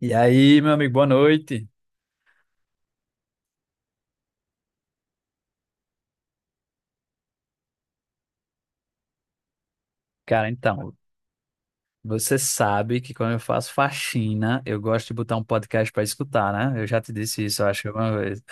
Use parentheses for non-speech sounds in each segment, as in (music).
E aí, meu amigo, boa noite. Cara, então, você sabe que quando eu faço faxina, eu gosto de botar um podcast para escutar, né? Eu já te disse isso, eu acho, uma vez.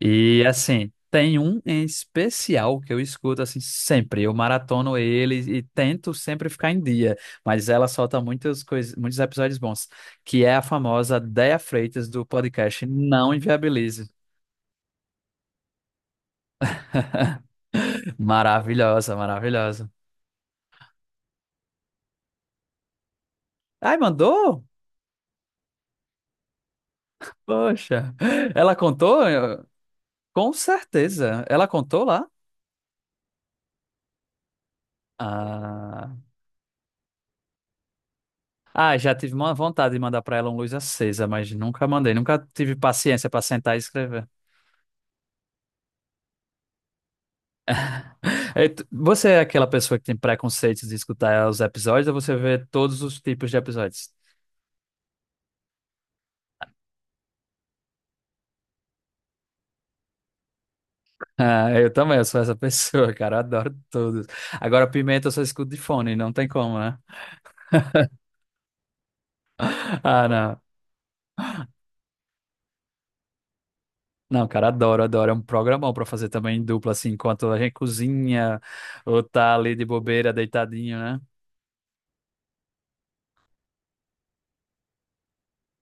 E assim, tem um em especial que eu escuto assim sempre. Eu maratono ele e tento sempre ficar em dia, mas ela solta muitas coisas, muitos episódios bons, que é a famosa Déia Freitas do podcast Não Inviabilize. Maravilhosa, maravilhosa. Ai, mandou? Poxa, ela contou? Com certeza. Ela contou lá? Ah, ah, já tive uma vontade de mandar pra ela um luz acesa, mas nunca mandei, nunca tive paciência pra sentar e escrever. (laughs) É, Você é aquela pessoa que tem preconceitos de escutar os episódios ou você vê todos os tipos de episódios? (laughs) Ah, eu também, eu sou essa (laughs) pessoa, cara, eu adoro todos. Agora, Pimenta eu só escuto de fone, não tem como, né? Ah, não. Não, cara, adoro, adoro. É um programão pra fazer também em dupla, assim, enquanto a gente cozinha ou tá ali de bobeira, deitadinho, né?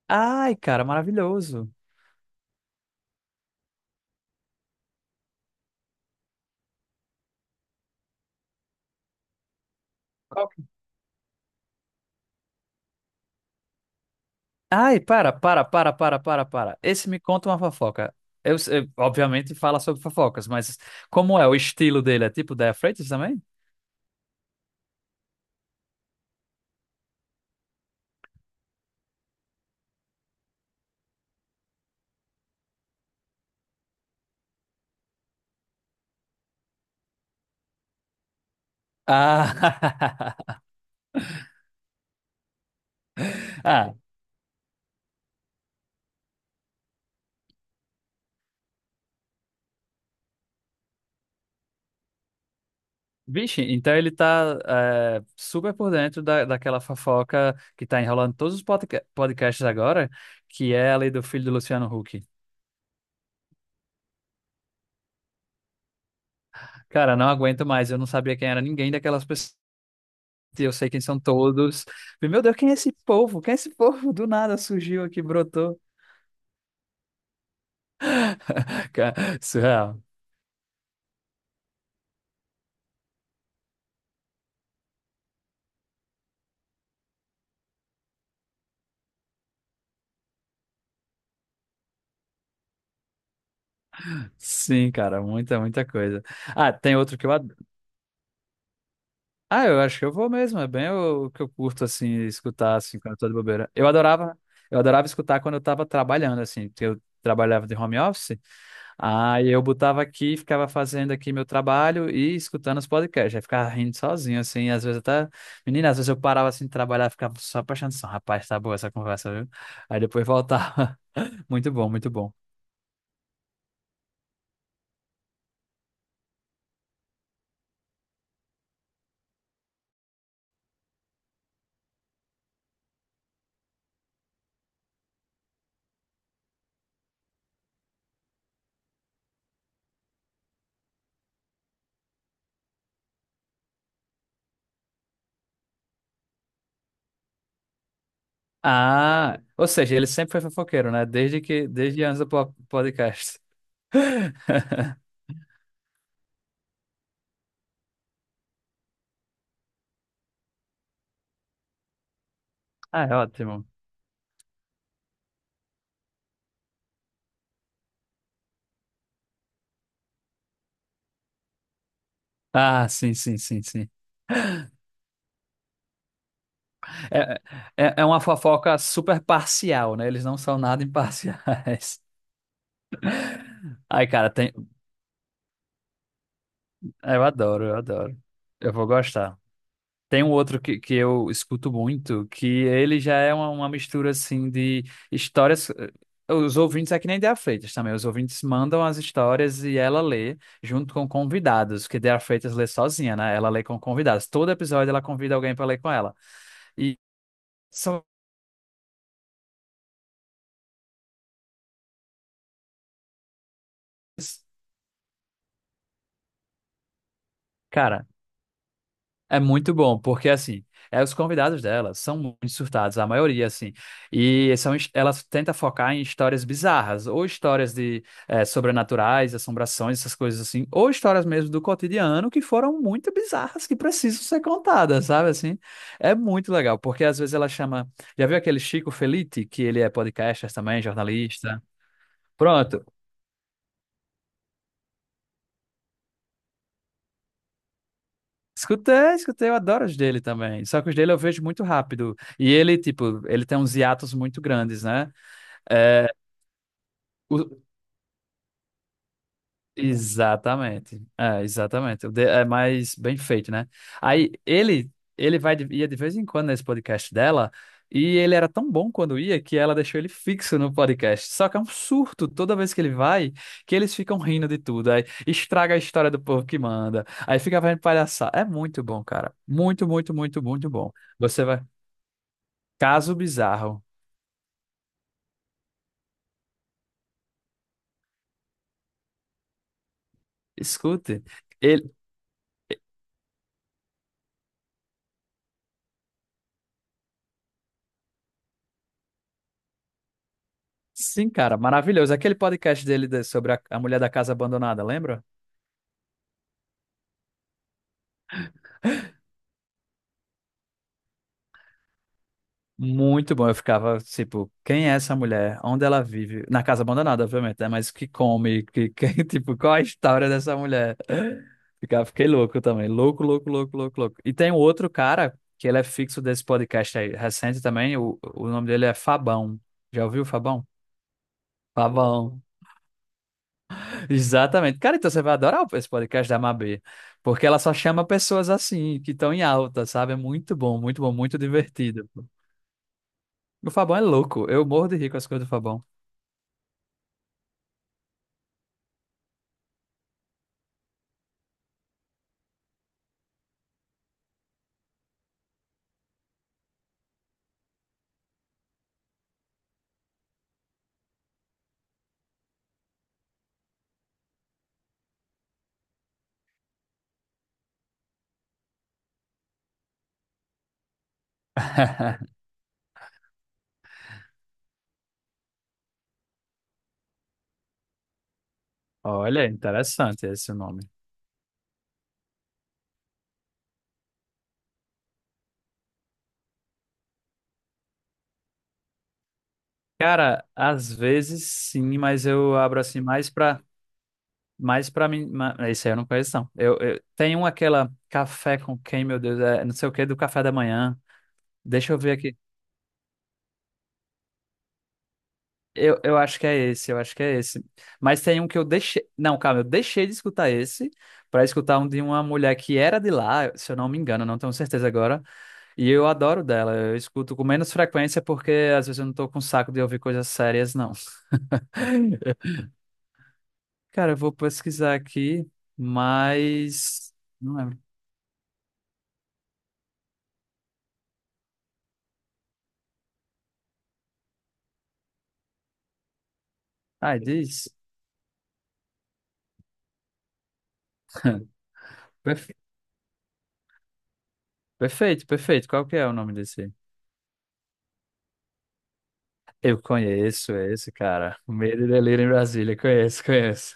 Ai, cara, maravilhoso. Qual que- Ai, para, para, para, para, para, para. Esse me conta uma fofoca. Obviamente fala sobre fofocas, mas como é o estilo dele? É tipo Déa Freitas também? Ah, (laughs) ah, vixe, então ele tá super por dentro da, daquela fofoca que tá enrolando todos os podcasts agora, que é a lei do filho do Luciano Huck. Cara, não aguento mais, eu não sabia quem era ninguém daquelas pessoas. Eu sei quem são todos. E, Meu Deus, quem é esse povo? Quem é esse povo? (laughs) Do nada surgiu aqui, brotou. (laughs) Cara, surreal. Sim, cara, muita, muita coisa. Ah, tem outro que Ah, eu acho que eu vou mesmo. É bem o que eu curto, assim, escutar, assim, quando eu tô de bobeira. Eu adorava escutar quando eu tava trabalhando, assim, porque eu trabalhava de home office. Aí eu botava aqui, ficava fazendo aqui meu trabalho e escutando os podcasts. Aí ficava rindo sozinho, assim, às vezes até... Menina, às vezes eu parava, assim, de trabalhar, ficava só prestando atenção. Rapaz, tá boa essa conversa, viu? Aí depois voltava. (laughs) Muito bom, muito bom. Ah, ou seja, ele sempre foi fofoqueiro, né? Desde antes do podcast. (laughs) Ah, é ótimo. Ah, sim, sim, sim, sim. É, é uma fofoca super parcial, né? Eles não são nada imparciais. (laughs) Ai, cara, tem. Eu adoro, eu adoro. Eu vou gostar. Tem um outro que eu escuto muito, que ele já é uma mistura assim de histórias. Os ouvintes é que nem Dea Freitas também. Os ouvintes mandam as histórias e ela lê junto com convidados, porque Dea Freitas lê sozinha, né? Ela lê com convidados. Todo episódio ela convida alguém para ler com ela. E são. Cara, é muito bom, porque assim, os convidados dela são muito surtados, a maioria, assim. E são, ela tenta focar em histórias bizarras, ou histórias de sobrenaturais, assombrações, essas coisas assim, ou histórias mesmo do cotidiano que foram muito bizarras, que precisam ser contadas, sabe assim? É muito legal, porque às vezes ela chama. Já viu aquele Chico Felitti, que ele é podcaster também, jornalista? Pronto. Escutei, escutei, eu adoro os dele também. Só que os dele eu vejo muito rápido. E ele, tipo, ele tem uns hiatos muito grandes, né? É, o- exatamente. É, exatamente. É mais bem feito, né? Aí ele vai ia de vez em quando nesse podcast dela e ele era tão bom quando ia que ela deixou ele fixo no podcast. Só que é um surto toda vez que ele vai, que eles ficam rindo de tudo. Aí estraga a história do povo que manda. Aí fica vendo palhaçada. É muito bom, cara. Muito, muito, muito, muito bom. Você vai. Caso bizarro. Escute. Sim, cara, maravilhoso. Aquele podcast dele sobre a mulher da casa abandonada, lembra? Muito bom. Eu ficava tipo, quem é essa mulher? Onde ela vive? Na casa abandonada, obviamente, né? Mas que come, (laughs) tipo, qual a história dessa mulher? Ficava, fiquei louco também. Louco, louco, louco, louco, louco. E tem um outro cara que ele é fixo desse podcast aí, recente também. O nome dele é Fabão. Já ouviu o Fabão? Fabão. Exatamente. Cara, então você vai adorar esse podcast da Mabê, porque ela só chama pessoas assim, que estão em alta, sabe? É muito bom, muito bom, muito divertido. O Fabão é louco, eu morro de rir com as coisas do Fabão. (laughs) Olha, interessante esse nome. Cara, às vezes sim, mas eu abro assim mais pra mim. Esse aí eu não conheço, não. Eu tenho aquela café com quem, meu Deus, é não sei o que, do café da manhã. Deixa eu ver aqui. Eu acho que é esse, eu acho que é esse. Mas tem um que eu deixei. Não, calma, eu deixei de escutar esse pra escutar um de uma mulher que era de lá, se eu não me engano, não tenho certeza agora. E eu adoro dela. Eu escuto com menos frequência porque às vezes eu não tô com saco de ouvir coisas sérias, não. (laughs) Cara, eu vou pesquisar aqui, mas. Não lembro. Ah, diz. (laughs) Perfe- Perfeito, perfeito. Qual que é o nome desse? Eu conheço esse, cara. Medo e Delírio em Brasília. Conheço, conheço.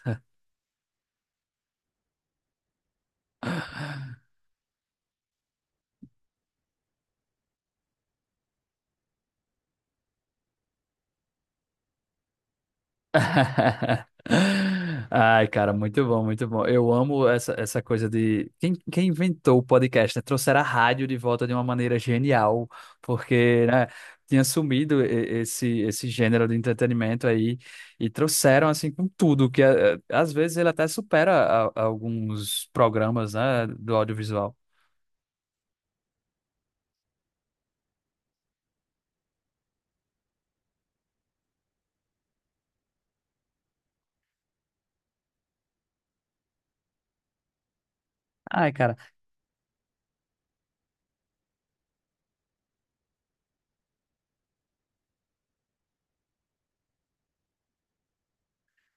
(laughs) Ai, cara, muito bom, muito bom. Eu amo essa, essa coisa de. Quem, quem inventou o podcast, né? Trouxeram a rádio de volta de uma maneira genial, porque, né, tinha sumido esse, esse gênero de entretenimento aí e trouxeram, assim, com tudo, que às vezes ele até supera alguns programas, né, do audiovisual. Ai, cara,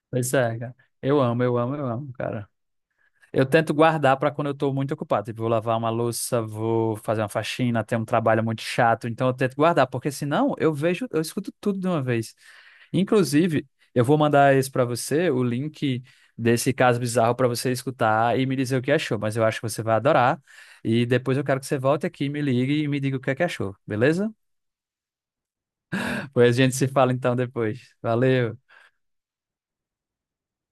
pois é, cara. Eu amo, eu amo, eu amo, cara. Eu tento guardar para quando eu tô muito ocupado. Tipo, vou lavar uma louça, vou fazer uma faxina, tem um trabalho muito chato, então eu tento guardar, porque senão eu vejo, eu escuto tudo de uma vez. Inclusive, eu vou mandar esse para você, o link desse caso bizarro para você escutar e me dizer o que achou, mas eu acho que você vai adorar. E depois eu quero que você volte aqui, me ligue e me diga o que é que achou, beleza? Pois a gente se fala então depois. Valeu.